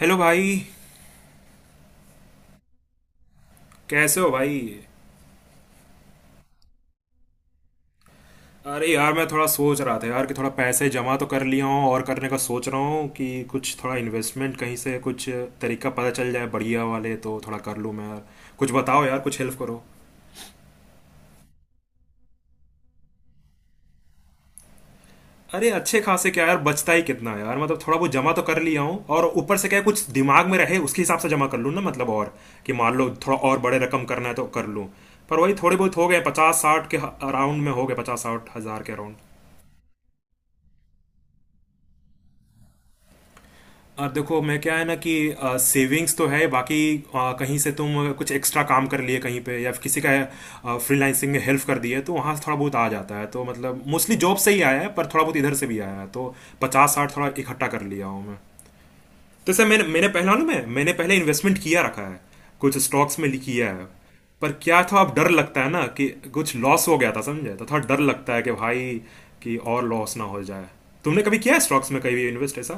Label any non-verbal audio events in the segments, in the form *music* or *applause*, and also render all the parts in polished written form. Hello भाई। कैसे हो भाई? अरे यार मैं थोड़ा सोच रहा था यार कि थोड़ा पैसे जमा तो कर लिया हूँ और करने का सोच रहा हूँ कि कुछ थोड़ा इन्वेस्टमेंट कहीं से कुछ तरीका पता चल जाए बढ़िया वाले तो थोड़ा कर लूँ मैं यार। कुछ बताओ यार, कुछ हेल्प करो। अरे अच्छे खासे क्या यार, बचता ही कितना है यार। मतलब थोड़ा बहुत जमा तो कर लिया हूँ, और ऊपर से क्या है, कुछ दिमाग में रहे उसके हिसाब से जमा कर लूँ ना मतलब। और कि मान लो थोड़ा और बड़े रकम करना है तो कर लूँ। पर वही थोड़े बहुत हो गए 50-60 के। अराउंड में हो गए 50-60 हजार के अराउंड। देखो मैं क्या है ना कि सेविंग्स तो है बाकी। कहीं से तुम कुछ एक्स्ट्रा काम कर लिए कहीं पे या फिर किसी का फ्रीलांसिंग में हेल्प कर दी है तो वहाँ से थोड़ा बहुत आ जाता है तो मतलब मोस्टली जॉब से ही आया है, पर थोड़ा बहुत इधर से भी आया है तो 50-60 थोड़ा इकट्ठा कर लिया हूँ मैं। तो सर मैंने मैंने पहला ना, मैंने पहले इन्वेस्टमेंट किया रखा है। कुछ स्टॉक्स में किया है। पर क्या था, अब डर लगता है ना कि कुछ लॉस हो गया था समझे, तो थोड़ा डर लगता है कि भाई कि और लॉस ना हो जाए। तुमने कभी किया है स्टॉक्स में, कभी इन्वेस्ट ऐसा?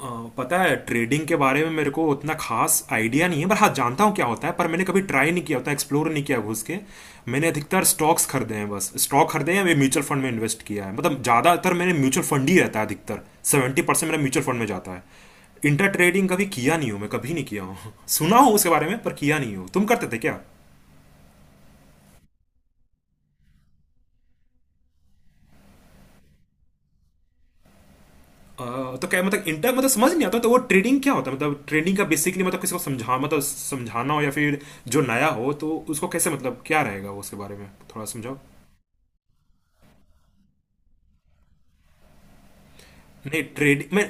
अ, पता है, ट्रेडिंग के बारे में मेरे को उतना खास आइडिया नहीं है, पर हाँ जानता हूँ क्या होता है, पर मैंने कभी ट्राई नहीं किया, होता एक्सप्लोर नहीं किया घुस के। मैंने अधिकतर स्टॉक्स खरीदे हैं, बस स्टॉक खरीदे हैं, म्यूचुअल फंड में इन्वेस्ट किया है, मतलब ज़्यादातर मैंने म्यूचुअल फंड ही रहता है अधिकतर। 70% मेरा म्यूचुअल फंड में जाता है। इंटर ट्रेडिंग कभी किया नहीं हूँ मैं, कभी नहीं किया हूँ *laughs* सुना हूँ उसके बारे में पर किया नहीं हूँ। तुम करते थे क्या? तो क्या मतलब इंटर, मतलब समझ नहीं आता, तो वो ट्रेडिंग क्या होता है, मतलब ट्रेडिंग का बेसिकली मतलब किसी को समझा, मतलब समझाना हो या फिर जो नया हो तो उसको कैसे, मतलब क्या रहेगा वो, उसके बारे में थोड़ा समझाओ। नहीं ट्रेडिंग मैं,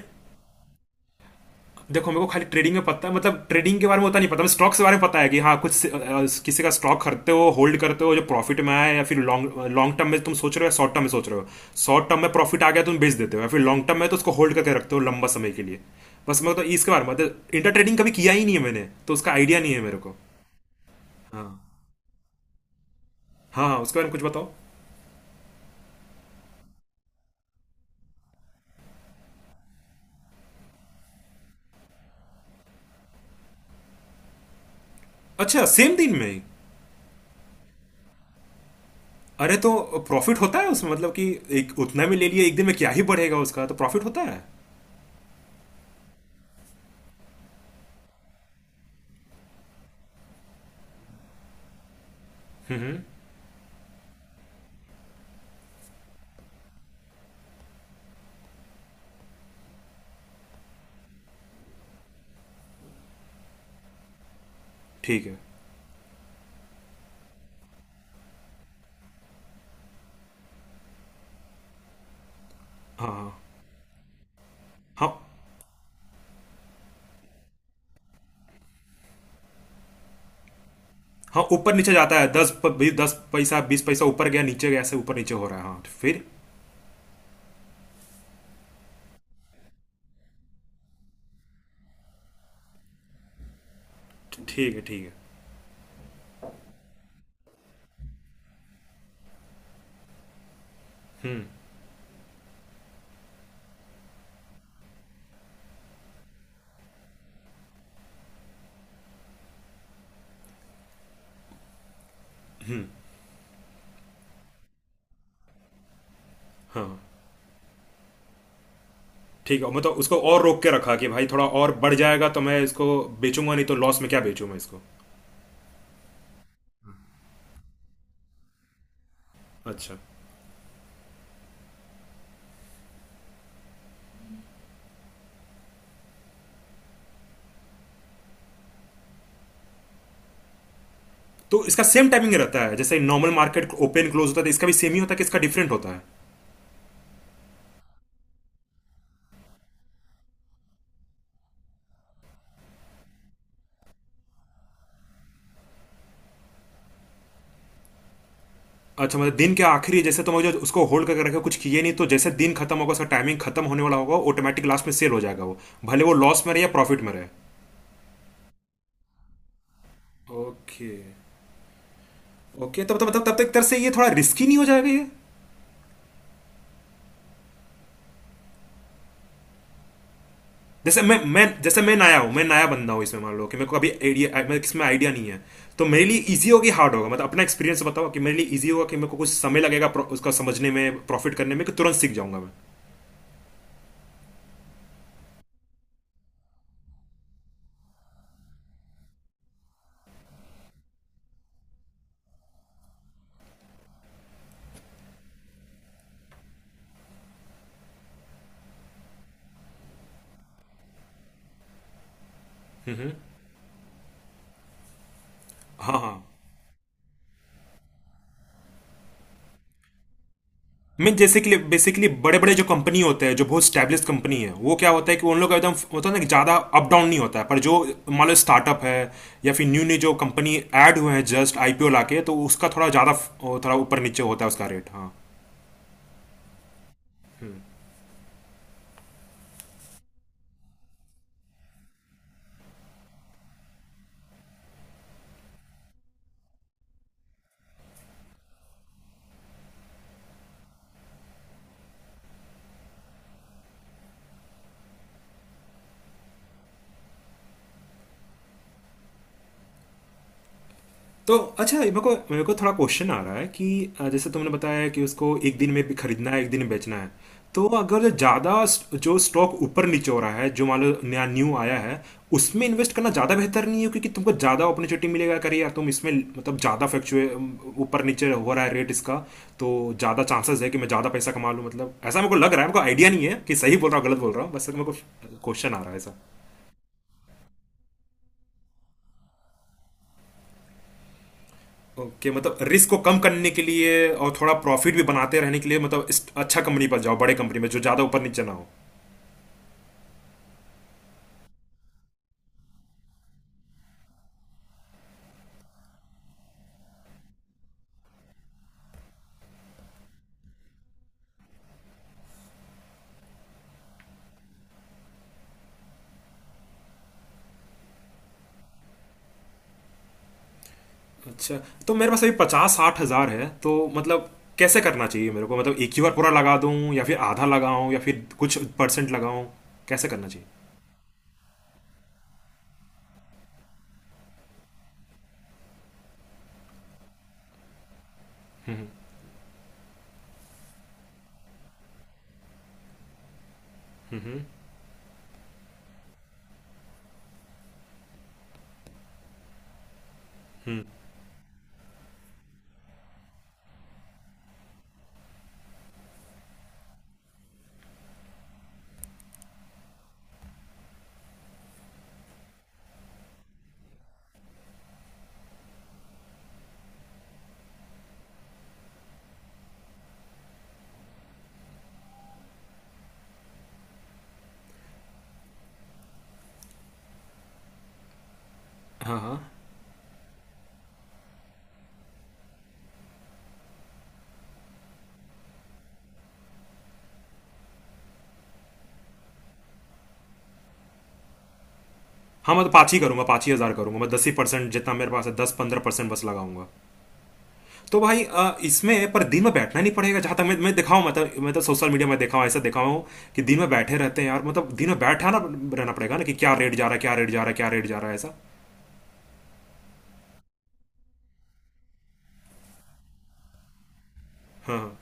देखो मेरे को खाली ट्रेडिंग में पता है, मतलब ट्रेडिंग के बारे में उतना नहीं पता। मैं स्टॉक्स के बारे में पता है कि हाँ, कुछ किसी का स्टॉक खरीदते हो होल्ड करते हो, जो प्रॉफिट में आया या फिर लॉन्ग लॉन्ग टर्म में तुम सोच रहे हो या शॉर्ट टर्म में सोच रहे हो। शॉर्ट टर्म में प्रॉफिट आ गया तुम बेच देते हो, या फिर लॉन्ग टर्म में तो उसको होल्ड करके रखते हो लंबा समय के लिए। बस मैं तो इसके बारे में, मतलब इंटर ट्रेडिंग कभी किया ही नहीं है मैंने, तो उसका आइडिया नहीं है मेरे को। हाँ। हाँ, हाँ, उसके बारे में कुछ बताओ। अच्छा, सेम दिन में ही? अरे, तो प्रॉफिट होता है उसमें, मतलब कि एक उतना में ले लिए एक दिन में क्या ही बढ़ेगा उसका, तो प्रॉफिट होता है? ठीक है। हाँ, हाँ, हाँ, हाँ ऊपर नीचे जाता है, 10 पैसा 20 पैसा ऊपर गया नीचे गया, ऐसे ऊपर नीचे हो रहा है हाँ, तो फिर? ठीक है, ठीक है। हाँ, ठीक है, मतलब उसको और रोक के रखा कि भाई थोड़ा और बढ़ जाएगा तो मैं इसको बेचूंगा, नहीं तो लॉस में क्या बेचूं मैं इसको। अच्छा, तो इसका सेम टाइमिंग रहता है जैसे नॉर्मल मार्केट ओपन क्लोज होता है, तो इसका भी सेम ही होता है कि इसका डिफरेंट होता है? अच्छा, मतलब दिन के आखिरी, जैसे तुम अगर उसको होल्ड करके रखे कुछ किए नहीं, तो जैसे दिन खत्म होगा, उसका टाइमिंग खत्म होने वाला होगा, ऑटोमेटिक लास्ट में सेल हो जाएगा वो। भले वो लॉस में रहे या प्रॉफिट में रहे। ओके। ओके तब तब तब तब तक एक तरह से ये थोड़ा रिस्की नहीं हो जाएगा ये? जैसे मैं जैसे मैं नया हूँ, मैं नया बंदा हूँ इसमें, मान लो कि मेरे को अभी आइडिया, मतलब इसमें आइडिया नहीं है, तो मेरे लिए इजी होगी हार्ड होगा? मतलब अपना एक्सपीरियंस बताओ कि मेरे लिए इजी होगा कि मेरे को कुछ समय लगेगा उसका समझने में प्रॉफिट करने में, कि तुरंत सीख जाऊंगा मैं? हाँ, हाँ। मीन जैसे कि बेसिकली बड़े बड़े जो कंपनी होते हैं, जो बहुत स्टैब्लिश कंपनी है, वो क्या होता है कि उन लोग का एकदम होता है ना कि ज़्यादा अप डाउन नहीं होता है, पर जो मान लो स्टार्टअप है या फिर न्यू न्यू जो कंपनी ऐड हुए हैं जस्ट IPO लाके, तो उसका थोड़ा ज़्यादा, थोड़ा ऊपर नीचे होता है उसका रेट, हाँ। तो अच्छा, मेरे को थोड़ा क्वेश्चन आ रहा है कि जैसे तुमने बताया कि उसको एक दिन में भी खरीदना है एक दिन में बेचना है, तो अगर ज़्यादा जो स्टॉक ऊपर नीचे हो रहा है, जो मान लो नया न्यू आया है, उसमें इन्वेस्ट करना ज़्यादा बेहतर नहीं है क्योंकि तुमको ज़्यादा अपॉर्चुनिटी मिलेगा, अगर यार तुम इसमें, मतलब ज़्यादा फ्लक्चुए ऊपर नीचे हो रहा है रेट इसका, तो ज़्यादा चांसेस है कि मैं ज़्यादा पैसा कमा लूँ। मतलब ऐसा मेरे को लग रहा है, मेरे को आइडिया नहीं है कि सही बोल रहा हूँ गलत बोल रहा हूँ, बस मेरे को क्वेश्चन आ रहा है ऐसा। ओके, okay, मतलब रिस्क को कम करने के लिए और थोड़ा प्रॉफिट भी बनाते रहने के लिए, मतलब इस अच्छा कंपनी पर जाओ, बड़े कंपनी में जो ज़्यादा ऊपर नीचे ना हो। अच्छा, तो मेरे पास अभी 50-60 हज़ार है तो मतलब कैसे करना चाहिए मेरे को? मतलब एक ही बार पूरा लगा दूं, या फिर आधा लगाऊं, या फिर कुछ परसेंट लगाऊं? कैसे करना चाहिए? हम्म। हाँ, हाँ। हाँ मैं तो पाँच ही करूंगा, 5 ही हज़ार करूंगा मैं, 10 ही % जितना मेरे पास है, 10-15% बस लगाऊंगा। तो भाई, इसमें पर दिन में बैठना नहीं पड़ेगा? जहां तक मैं देखा हूं, मतलब सोशल मीडिया में देखा हूं, ऐसा देखा हूं कि दिन में बैठे रहते हैं यार, मतलब दिन में बैठा ना रहना पड़ेगा ना कि क्या रेट जा रहा है, क्या रेट जा रहा है, क्या रेट जा रहा है ऐसा? हाँ, हाँ।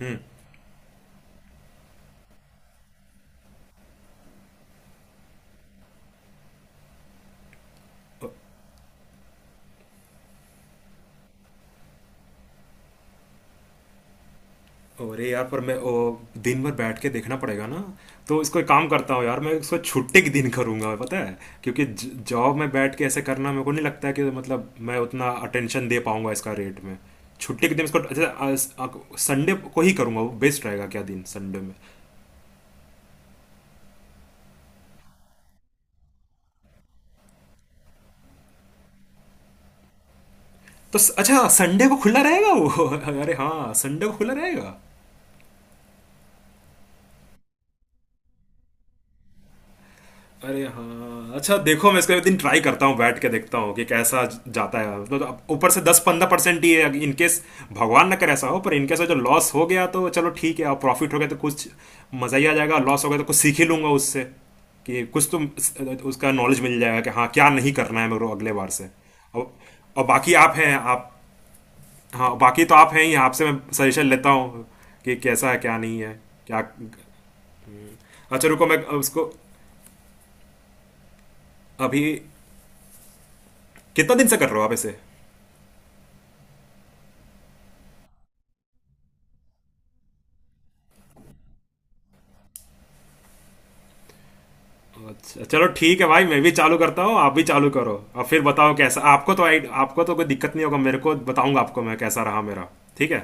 हम्म। अ- अरे यार, पर मैं दिन भर बैठ के देखना पड़ेगा ना? तो इसको एक काम करता हूँ यार, मैं इसको छुट्टी के दिन करूंगा पता है, क्योंकि जॉब में बैठ के ऐसे करना मेरे को नहीं लगता है कि, मतलब मैं उतना अटेंशन दे पाऊंगा इसका रेट में। छुट्टी के दिन इसको, अच्छा, संडे को ही करूंगा वो, बेस्ट रहेगा क्या दिन संडे में? तो अच्छा, संडे को खुला रहेगा वो? *laughs* अरे हाँ, संडे को खुला रहेगा। अरे हाँ अच्छा, देखो मैं इसका एक दिन ट्राई करता हूँ, बैठ के देखता हूँ कि कैसा जाता है, मतलब अब ऊपर से 10-15% ही है, इन केस, भगवान ना करे ऐसा हो, पर इन केस जो लॉस हो गया तो चलो ठीक है, और प्रॉफिट हो गया तो कुछ मजा ही आ जाएगा, लॉस हो गया तो कुछ सीख ही लूंगा उससे, कि कुछ तो उसका नॉलेज मिल जाएगा कि हाँ क्या नहीं करना है मेरे को अगले बार से। और बाकी आप हैं आप। हाँ, बाकी तो आप हैं ही, आपसे मैं सजेशन लेता हूँ कि कैसा है क्या नहीं है। क्या? अच्छा रुको, मैं उसको, अभी कितना दिन से कर रहे हो आप इसे? अच्छा चलो ठीक है भाई, मैं भी चालू करता हूँ, आप भी चालू करो और फिर बताओ कैसा, आपको तो आपको तो कोई दिक्कत नहीं होगा, मेरे को बताऊंगा आपको मैं कैसा रहा मेरा। ठीक है।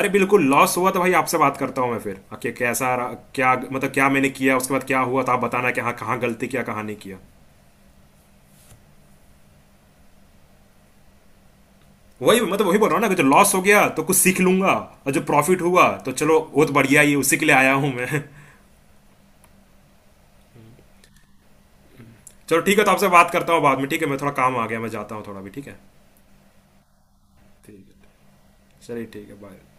अरे बिल्कुल, लॉस हुआ तो भाई आपसे बात करता हूँ मैं फिर कि कैसा रहा क्या, मतलब क्या मैंने किया उसके बाद क्या हुआ, तो आप बताना कि हाँ कहाँ गलती किया कहाँ नहीं किया। वही मैं तो वही बोल रहा हूँ ना कि जो लॉस हो गया तो कुछ सीख लूंगा, और जो प्रॉफिट हुआ तो चलो बहुत बढ़िया ही है, उसी के लिए आया हूँ मैं *laughs* चलो ठीक है, तो आपसे बात करता हूँ बाद में, ठीक है मैं थोड़ा काम आ गया, मैं जाता हूँ थोड़ा, भी ठीक है। ठीक है, चलिए ठीक है, बाय।